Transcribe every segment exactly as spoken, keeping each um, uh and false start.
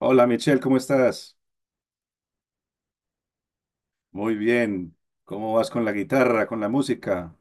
Hola Michelle, ¿cómo estás? Muy bien. ¿Cómo vas con la guitarra, con la música?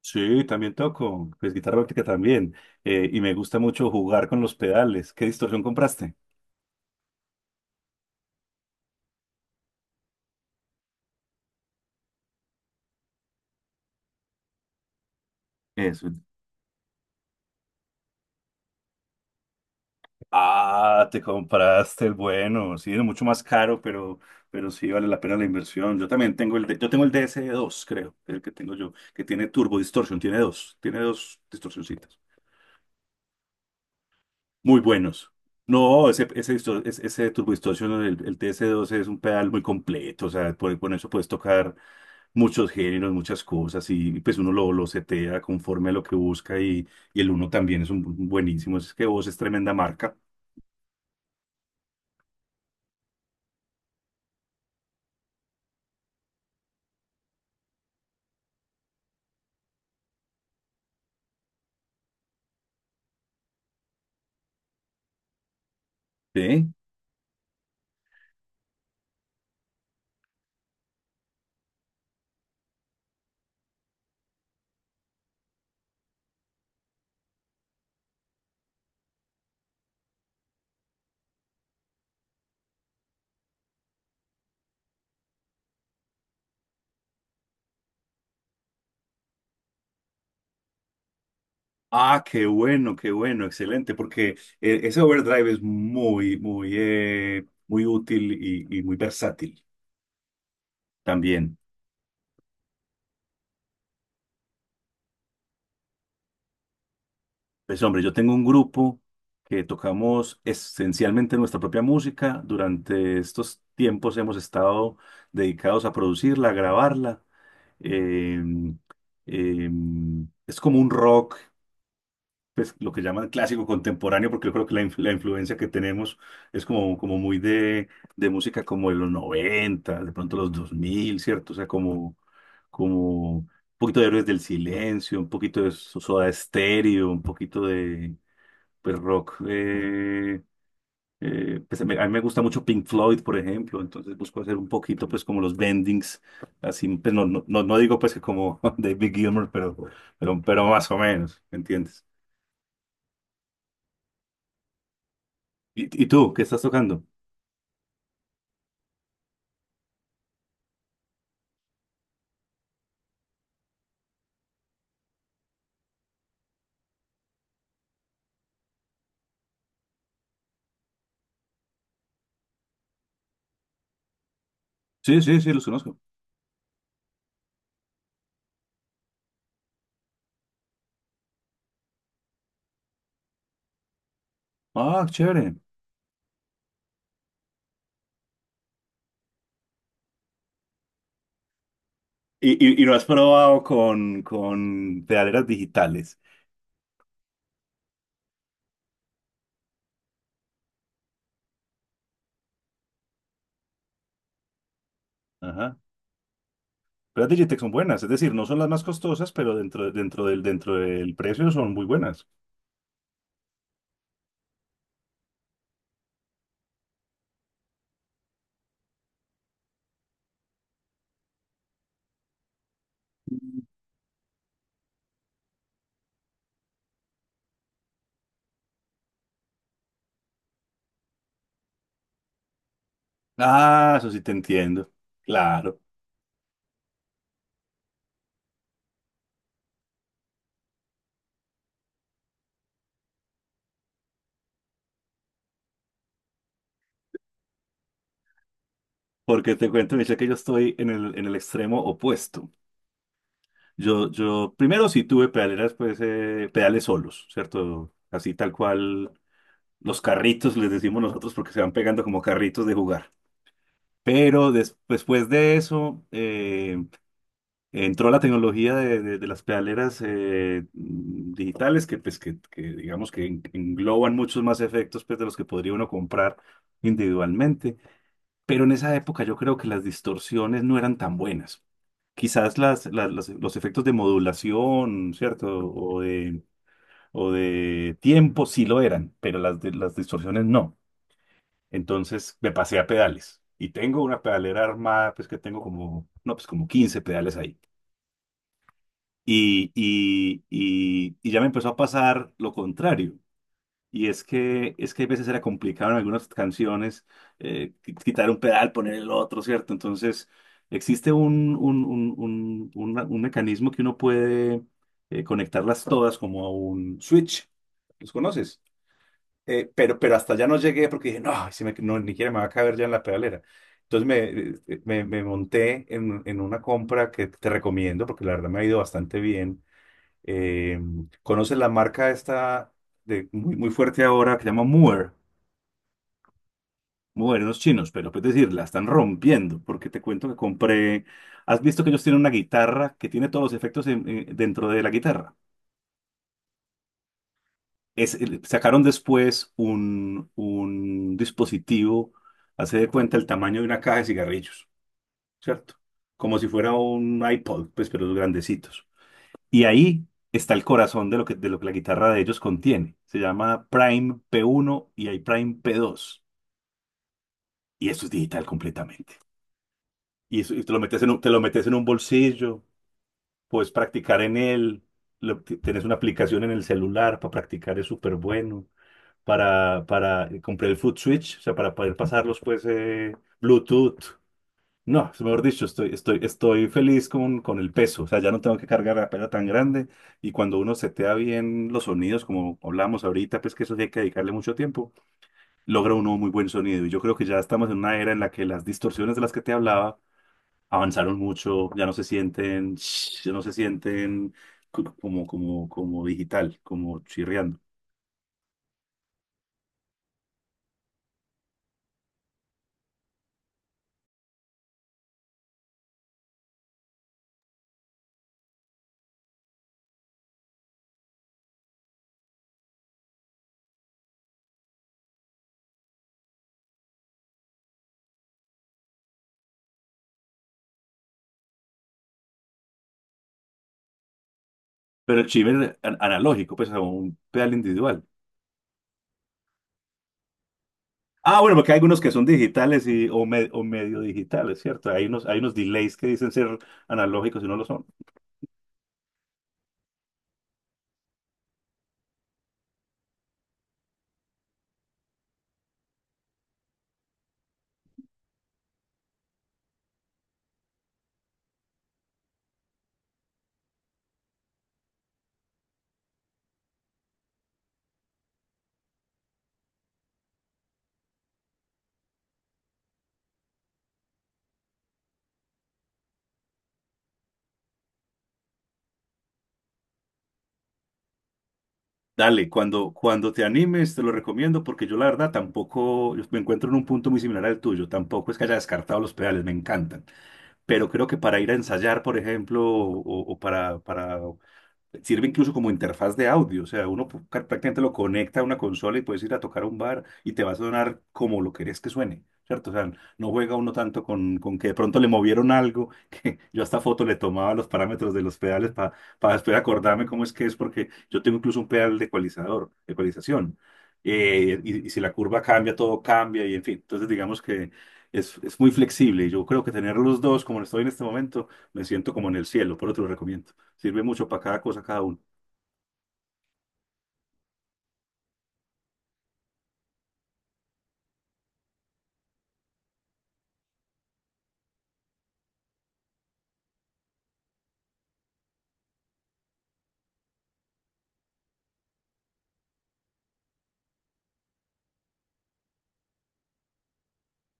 Sí, también toco, pues guitarra eléctrica también, eh, y me gusta mucho jugar con los pedales. ¿Qué distorsión compraste? Eso. Ah, te compraste el bueno, sí, es mucho más caro, pero, pero sí vale la pena la inversión. Yo también tengo el, de- yo tengo el dsd dos, creo, el que tengo yo, que tiene turbo distorsión, tiene dos, tiene dos distorsioncitas. Muy buenos. No, ese, ese, disto- ese, ese Turbo Distortion, el, el T S doce es un pedal muy completo, o sea, por- con eso puedes tocar muchos géneros, muchas cosas, y pues uno lo, lo setea conforme a lo que busca, y y el uno también es un bu- buenísimo, es que vos es tremenda marca. ¿Sí? Ah, qué bueno, qué bueno, excelente, porque eh, ese overdrive es muy, muy, eh, muy útil y, y muy versátil también. Pues hombre, yo tengo un grupo que tocamos esencialmente nuestra propia música. Durante estos tiempos hemos estado dedicados a producirla, a grabarla. Eh, eh, es como un rock, pues lo que llaman clásico contemporáneo, porque yo creo que la, influ- la influencia que tenemos es como, como muy de, de música como de los noventa, de pronto los dos mil, ¿cierto? O sea, como, como un poquito de Héroes del Silencio, un poquito de Soda Stereo, un poquito de pues rock. eh, eh, pues, a mí a mí me gusta mucho Pink Floyd, por ejemplo, entonces busco hacer un poquito, pues como los bendings, así, pues no, no, no no digo pues que como David Gilmour, pero, pero, pero más o menos, ¿me entiendes? ¿Y, y tú, ¿qué estás tocando? Sí, sí, sí, los conozco. Ah, chévere. ¿Y, y, y lo has probado con, con pedaleras digitales? Ajá. Pero las Digitech son buenas, es decir, no son las más costosas, pero dentro, dentro del, dentro del precio son muy buenas. Ah, eso sí te entiendo. Claro. Porque te cuento, Michelle, que yo estoy en el, en el extremo opuesto. Yo, yo primero sí tuve pedaleras, pues eh, pedales solos, ¿cierto? Así tal cual los carritos, les decimos nosotros, porque se van pegando como carritos de jugar. Pero des- después de eso eh, entró la tecnología de, de- de las pedaleras eh, digitales que, pues, que, que digamos que en- engloban muchos más efectos pues, de los que podría uno comprar individualmente. Pero en esa época yo creo que las distorsiones no eran tan buenas. Quizás las, las- las- los efectos de modulación, ¿cierto? O de, o de tiempo sí lo eran, pero las, de- las distorsiones no. Entonces me pasé a pedales y tengo una pedalera armada, pues que tengo como, no, pues como quince pedales ahí. Y, y, y, y ya me empezó a pasar lo contrario. Y es que, es que a veces era complicado en algunas canciones eh, qui- quitar un pedal, poner el otro, ¿cierto? Entonces, existe un, un, un, un, un- un mecanismo que uno puede eh, conectarlas todas como a un switch. ¿Los conoces? Eh, pero, pero hasta allá no llegué porque dije, no, si me- no, ni siquiera me va a caber ya en la pedalera. Entonces me, este, me, me monté en, en una compra que te recomiendo porque la verdad me ha ido bastante bien. eh, ¿Conoces la marca esta de, muy, muy fuerte ahora que se llama Moore? Moore, los chinos, pero puedes decir, la están rompiendo, porque te cuento que compré. ¿Has visto que ellos tienen una guitarra que tiene todos los efectos en- eh, dentro de la guitarra? Es, el- sacaron después un, un dispositivo, hace de cuenta el tamaño de una caja de cigarrillos, ¿cierto? Como si fuera un iPod, pues, pero los grandecitos. Y ahí está el corazón de lo que, de lo que la guitarra de ellos contiene. Se llama Prime P uno y hay Prime P dos. Y eso es digital completamente. Y, eso, y te lo metes en un, te lo metes en un bolsillo, puedes practicar en él. lo- t- tenés una aplicación en el celular para practicar, es súper bueno. Para, para, eh, compré el foot switch, o sea, para poder pasarlos, pues, eh, Bluetooth. No, mejor dicho, estoy, estoy, estoy feliz con, con el peso, o sea, ya no tengo que cargar la pera tan grande, y cuando uno setea bien los sonidos, como hablamos ahorita, pues que eso sí hay que dedicarle mucho tiempo, logra uno muy buen sonido, y yo creo que ya estamos en una era en la que las distorsiones de las que te hablaba avanzaron mucho, ya no se sienten, ya no se sienten co- como, como, como digital, como chirriando, pero el chive es an- analógico, pues como un pedal individual. Ah, bueno, porque hay algunos que son digitales y, o, me- o medio digitales, ¿cierto? Hay unos, hay unos delays que dicen ser analógicos y no lo son. Dale, cuando, cuando te animes, te lo recomiendo porque yo la verdad tampoco, yo me encuentro en un punto muy similar al tuyo, tampoco es que haya descartado los pedales, me encantan, pero creo que para ir a ensayar, por ejemplo, o, o para, para Sirve incluso como interfaz de audio, o sea, uno pu- ca- prácticamente lo conecta a una consola y puedes ir a tocar a un bar y te va a sonar como lo querés que suene, ¿cierto? O sea, no juega uno tanto con, con que de pronto le movieron algo, que yo hasta foto le tomaba los parámetros de los pedales para después acordarme cómo es que es, porque yo tengo incluso un pedal de ecualizador, de ecualización, eh, y, y si la curva cambia, todo cambia, y en fin, entonces digamos que es, es muy flexible, y yo creo que tener los dos como lo estoy en este momento, me siento como en el cielo, por otro lo recomiendo. Sirve mucho para cada cosa, cada uno.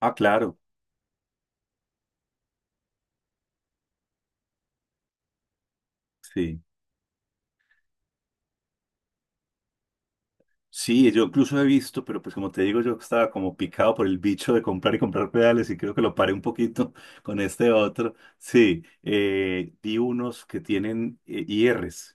Ah, claro, sí. Sí, yo incluso he visto, pero pues como te digo, yo estaba como picado por el bicho de comprar y comprar pedales, y creo que lo paré un poquito con este otro. Sí, eh, vi unos que tienen eh, I Rs.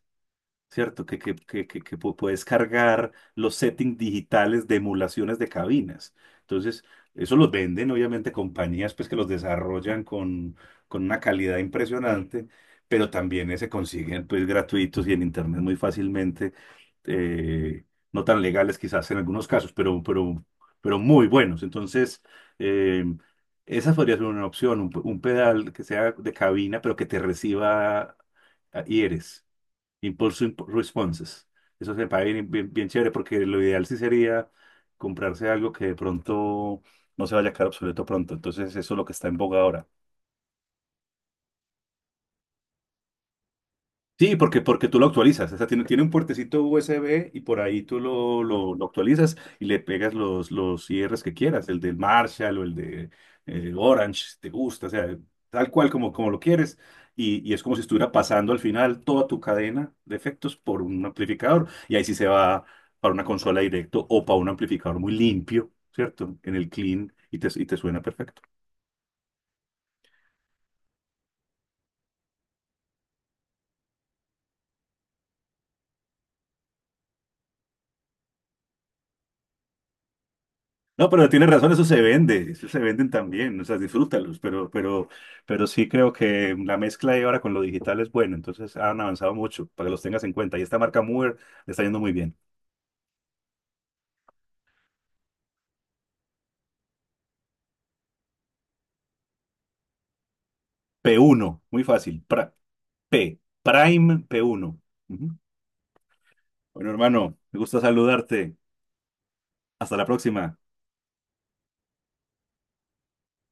¿Cierto? Que, que, que, que, que pu- puedes cargar los settings digitales de emulaciones de cabinas. Entonces, eso los venden, obviamente, compañías pues, que los desarrollan con, con una calidad impresionante, pero también eh, se consiguen pues, gratuitos y en internet muy fácilmente, eh, no tan legales quizás en algunos casos, pero, pero, pero muy buenos. Entonces, eh, esa podría ser una opción, un, un pedal que sea de cabina, pero que te reciba a- ears. Impulse Imp- Responses. Eso se paga bien, bien, bien chévere, porque lo ideal sí sería comprarse algo que de pronto no se vaya a quedar obsoleto pronto. Entonces, eso es lo que está en boga ahora. Sí, porque, porque tú lo actualizas, o sea, tiene, tiene un puertecito U S B y por ahí tú lo, lo, lo actualizas y le pegas los, los I Rs que quieras, el del Marshall o el de eh, Orange, si te gusta, o sea, tal cual como, como lo quieres. Y, y es como si estuviera pasando al final toda tu cadena de efectos por un amplificador, y ahí sí se va para una consola directo o para un amplificador muy limpio, ¿cierto? En el clean, y te, y te suena perfecto. No, pero tienes razón, eso se vende, eso se venden también, o sea, disfrútalos, pero, pero, pero sí creo que la mezcla de ahora con lo digital es buena, entonces han avanzado mucho, para que los tengas en cuenta. Y esta marca Mover le está yendo muy bien. P uno, muy fácil, pra- P, Prime P uno. Ujú. Bueno, hermano, me gusta saludarte. Hasta la próxima.